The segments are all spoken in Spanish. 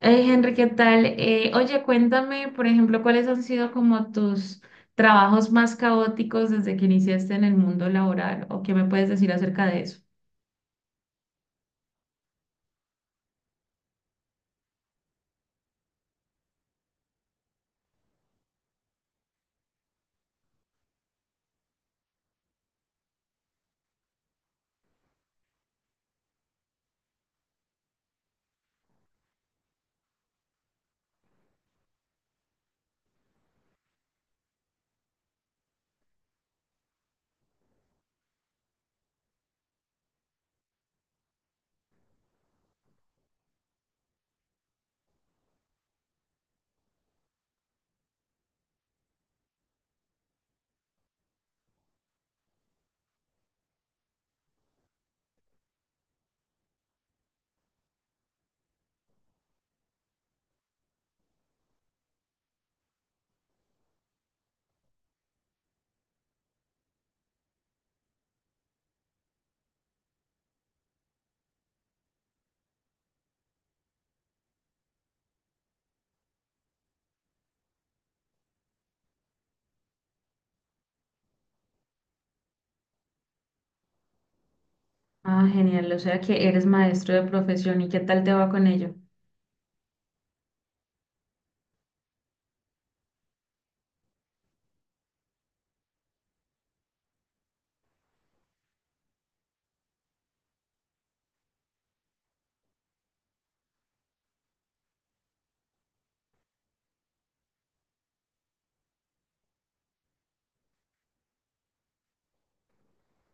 Hey Henry, ¿qué tal? Oye, cuéntame, por ejemplo, cuáles han sido como tus trabajos más caóticos desde que iniciaste en el mundo laboral o qué me puedes decir acerca de eso. Ah, genial, o sea que eres maestro de profesión y qué tal te va con ello.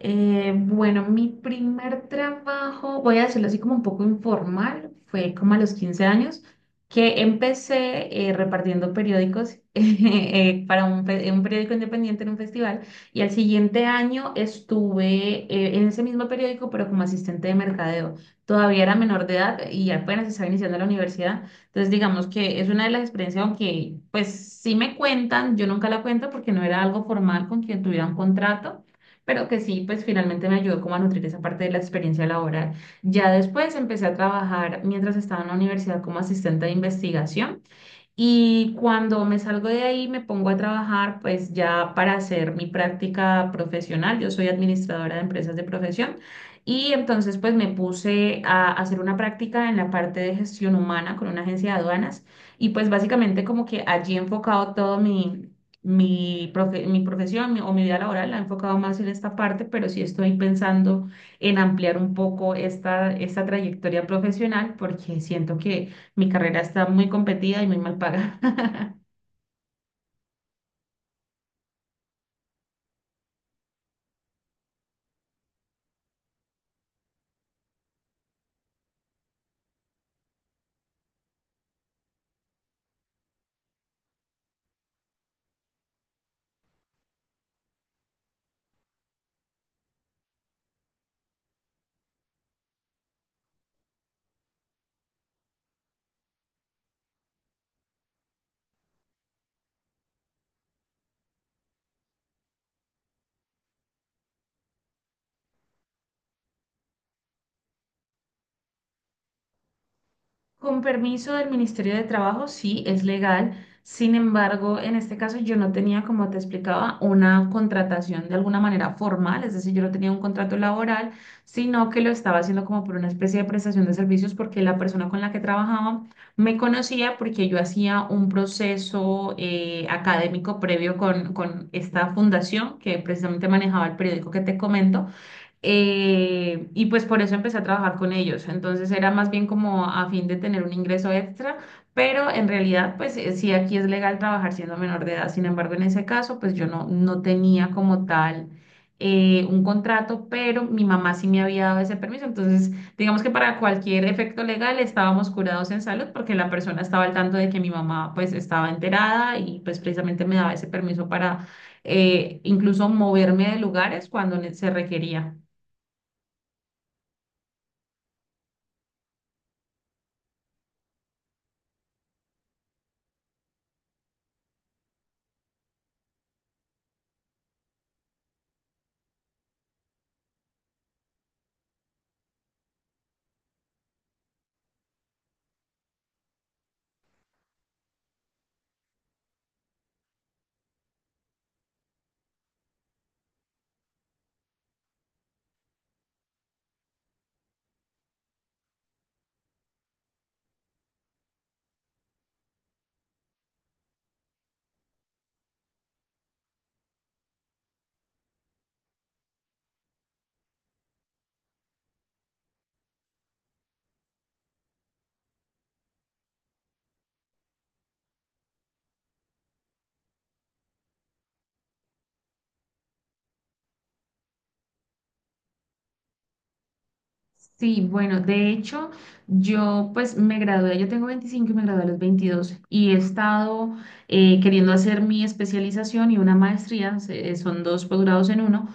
Bueno, mi primer trabajo, voy a decirlo así como un poco informal, fue como a los 15 años, que empecé repartiendo periódicos para un periódico independiente en un festival y al siguiente año estuve en ese mismo periódico pero como asistente de mercadeo. Todavía era menor de edad y apenas estaba iniciando la universidad, entonces digamos que es una de las experiencias, aunque pues sí me cuentan, yo nunca la cuento porque no era algo formal con quien tuviera un contrato pero que sí, pues finalmente me ayudó como a nutrir esa parte de la experiencia laboral. Ya después empecé a trabajar mientras estaba en la universidad como asistente de investigación. Y cuando me salgo de ahí, me pongo a trabajar, pues ya para hacer mi práctica profesional. Yo soy administradora de empresas de profesión y entonces pues me puse a hacer una práctica en la parte de gestión humana con una agencia de aduanas y pues básicamente como que allí he enfocado todo mi profesión, o mi vida laboral, la he enfocado más en esta parte, pero sí estoy pensando en ampliar un poco esta trayectoria profesional porque siento que mi carrera está muy competida y muy mal pagada. Con permiso del Ministerio de Trabajo, sí, es legal. Sin embargo, en este caso yo no tenía, como te explicaba, una contratación de alguna manera formal, es decir, yo no tenía un contrato laboral, sino que lo estaba haciendo como por una especie de prestación de servicios porque la persona con la que trabajaba me conocía porque yo hacía un proceso académico previo con esta fundación que precisamente manejaba el periódico que te comento. Y pues por eso empecé a trabajar con ellos. Entonces era más bien como a fin de tener un ingreso extra, pero en realidad pues sí aquí es legal trabajar siendo menor de edad. Sin embargo, en ese caso pues yo no, no tenía como tal un contrato, pero mi mamá sí me había dado ese permiso. Entonces digamos que para cualquier efecto legal estábamos curados en salud porque la persona estaba al tanto de que mi mamá pues estaba enterada y pues precisamente me daba ese permiso para incluso moverme de lugares cuando se requería. Sí, bueno, de hecho, yo pues me gradué, yo tengo 25 y me gradué a los 22 y he estado queriendo hacer mi especialización y una maestría, son dos posgrados en uno,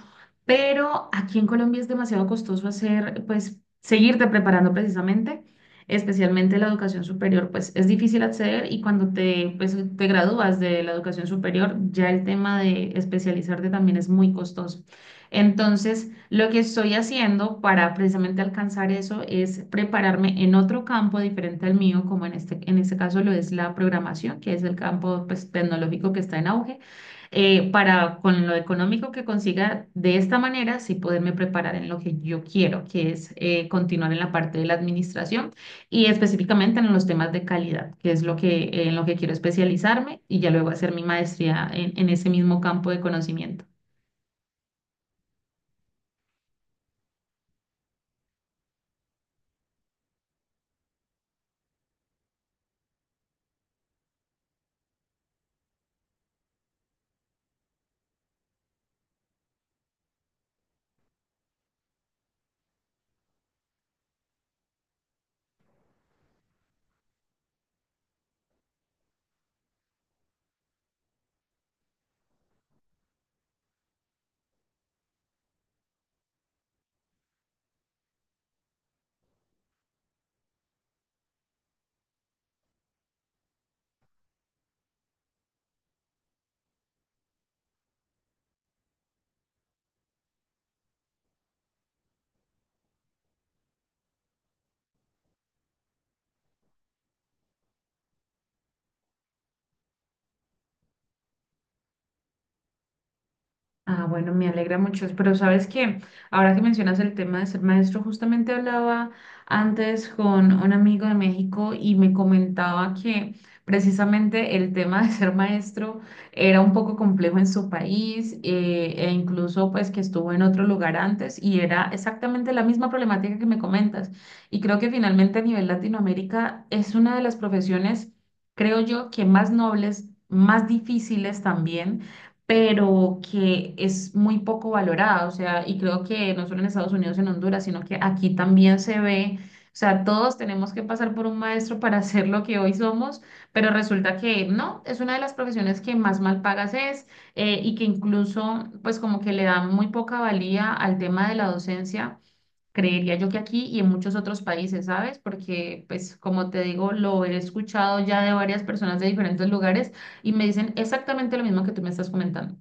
pero aquí en Colombia es demasiado costoso hacer, pues, seguirte preparando precisamente, especialmente la educación superior, pues es difícil acceder y cuando te, pues, te gradúas de la educación superior, ya el tema de especializarte también es muy costoso. Entonces, lo que estoy haciendo para precisamente alcanzar eso es prepararme en otro campo diferente al mío, como en en este caso lo es la programación, que es el campo pues, tecnológico que está en auge, para con lo económico que consiga de esta manera, sí poderme preparar en lo que yo quiero, que es continuar en la parte de la administración y específicamente en los temas de calidad, que es lo que, en lo que quiero especializarme y ya luego hacer mi maestría en ese mismo campo de conocimiento. Ah, bueno, me alegra mucho, pero sabes que ahora que mencionas el tema de ser maestro, justamente hablaba antes con un amigo de México y me comentaba que precisamente el tema de ser maestro era un poco complejo en su país e incluso pues que estuvo en otro lugar antes y era exactamente la misma problemática que me comentas. Y creo que finalmente a nivel Latinoamérica es una de las profesiones, creo yo, que más nobles, más difíciles también pero que es muy poco valorada, o sea, y creo que no solo en Estados Unidos, en Honduras, sino que aquí también se ve, o sea, todos tenemos que pasar por un maestro para ser lo que hoy somos, pero resulta que no, es una de las profesiones que más mal pagas es y que incluso, pues como que le da muy poca valía al tema de la docencia. Creería yo que aquí y en muchos otros países, ¿sabes? Porque, pues, como te digo, lo he escuchado ya de varias personas de diferentes lugares y me dicen exactamente lo mismo que tú me estás comentando.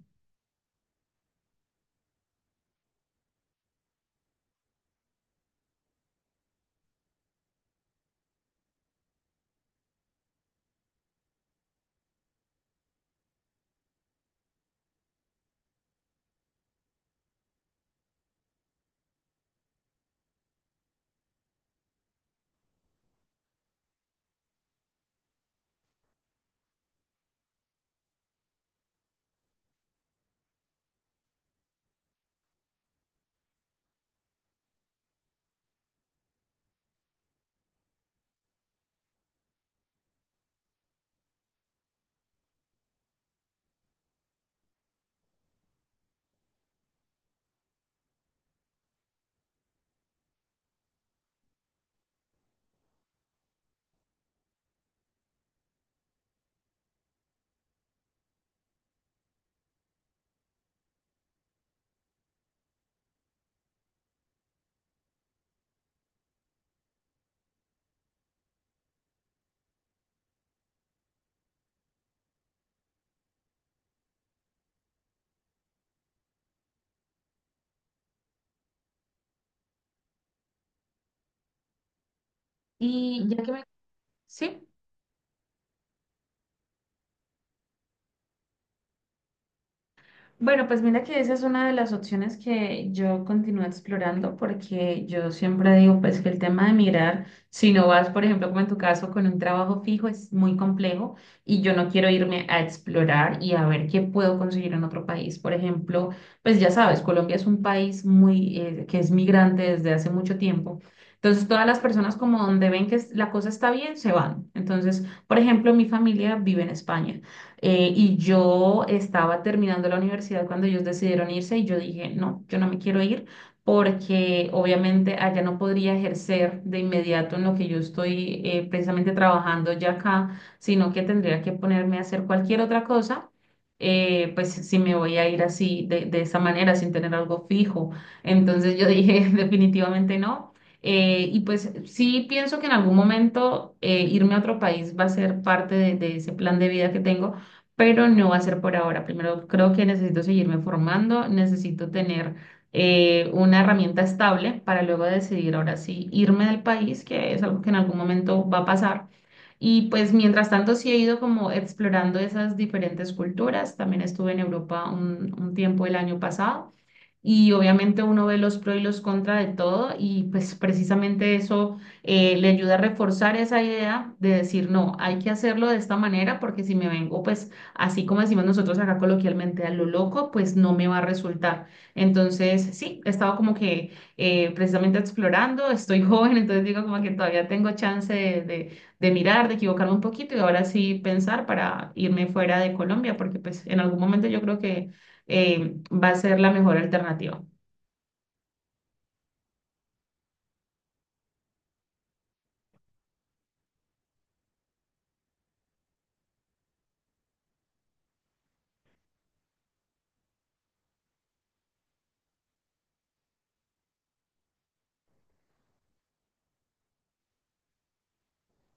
Y ya que me... Sí. Bueno, pues mira que esa es una de las opciones que yo continúo explorando porque yo siempre digo pues que el tema de migrar, si no vas, por ejemplo, como en tu caso, con un trabajo fijo, es muy complejo y yo no quiero irme a explorar y a ver qué puedo conseguir en otro país. Por ejemplo, pues ya sabes, Colombia es un país muy que es migrante desde hace mucho tiempo. Entonces, todas las personas como donde ven que la cosa está bien, se van. Entonces, por ejemplo, mi familia vive en España. Y yo estaba terminando la universidad cuando ellos decidieron irse y yo dije, no, yo no me quiero ir porque obviamente allá no podría ejercer de inmediato en lo que yo estoy precisamente trabajando ya acá, sino que tendría que ponerme a hacer cualquier otra cosa. Pues si me voy a ir así de esa manera, sin tener algo fijo. Entonces yo dije, definitivamente no. Y pues sí pienso que en algún momento irme a otro país va a ser parte de ese plan de vida que tengo, pero no va a ser por ahora. Primero creo que necesito seguirme formando, necesito tener una herramienta estable para luego decidir ahora sí irme del país, que es algo que en algún momento va a pasar. Y pues mientras tanto sí he ido como explorando esas diferentes culturas. También estuve en Europa un tiempo el año pasado y obviamente uno ve los pros y los contras de todo y pues precisamente eso le ayuda a reforzar esa idea de decir, no, hay que hacerlo de esta manera porque si me vengo pues así como decimos nosotros acá coloquialmente a lo loco, pues no me va a resultar. Entonces, sí, he estado como que precisamente explorando, estoy joven, entonces digo como que todavía tengo chance de de mirar, de equivocarme un poquito y ahora sí pensar para irme fuera de Colombia porque pues en algún momento yo creo que va a ser la mejor alternativa.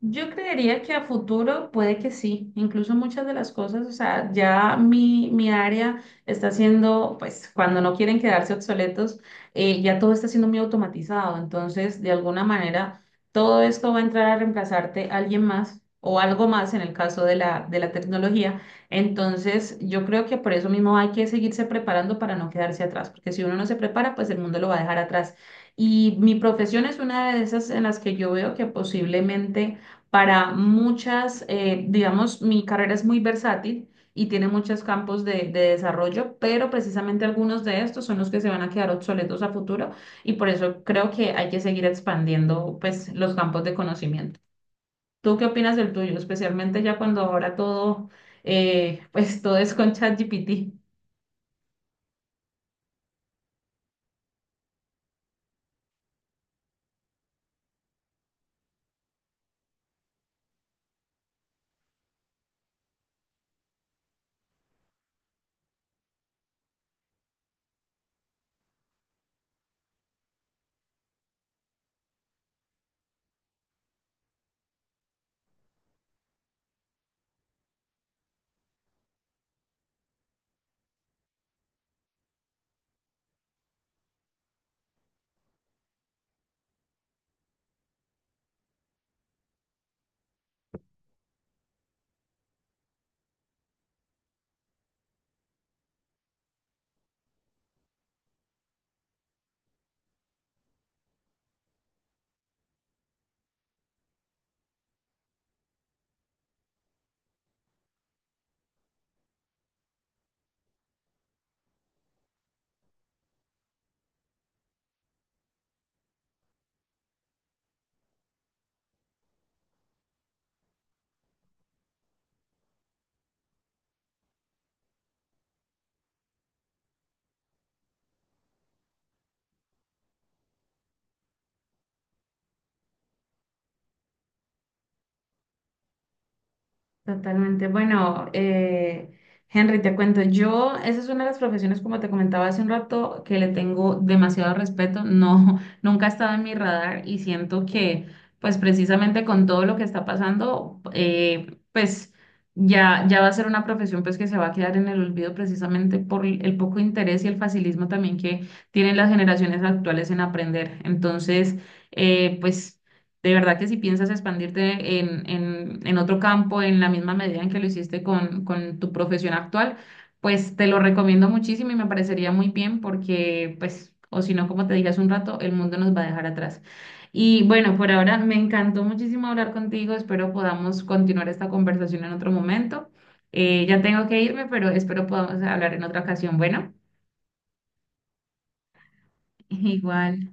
Yo creería que a futuro puede que sí, incluso muchas de las cosas, o sea, ya mi área está siendo, pues cuando no quieren quedarse obsoletos, ya todo está siendo muy automatizado, entonces de alguna manera todo esto va a entrar a reemplazarte a alguien más o algo más en el caso de de la tecnología, entonces yo creo que por eso mismo hay que seguirse preparando para no quedarse atrás, porque si uno no se prepara, pues el mundo lo va a dejar atrás. Y mi profesión es una de esas en las que yo veo que posiblemente para muchas, digamos, mi carrera es muy versátil y tiene muchos campos de desarrollo, pero precisamente algunos de estos son los que se van a quedar obsoletos a futuro y por eso creo que hay que seguir expandiendo, pues, los campos de conocimiento. ¿Tú qué opinas del tuyo? Especialmente ya cuando ahora todo, pues, todo es con ChatGPT. Totalmente. Bueno, Henry, te cuento, yo, esa es una de las profesiones, como te comentaba hace un rato, que le tengo demasiado respeto. No, nunca ha estado en mi radar y siento que, pues precisamente con todo lo que está pasando, pues ya va a ser una profesión pues que se va a quedar en el olvido precisamente por el poco interés y el facilismo también que tienen las generaciones actuales en aprender. Entonces, pues... De verdad que si piensas expandirte en otro campo en la misma medida en que lo hiciste con tu profesión actual, pues te lo recomiendo muchísimo y me parecería muy bien porque, pues, o si no, como te dije hace un rato, el mundo nos va a dejar atrás. Y bueno, por ahora me encantó muchísimo hablar contigo. Espero podamos continuar esta conversación en otro momento. Ya tengo que irme, pero espero podamos hablar en otra ocasión. Bueno, igual.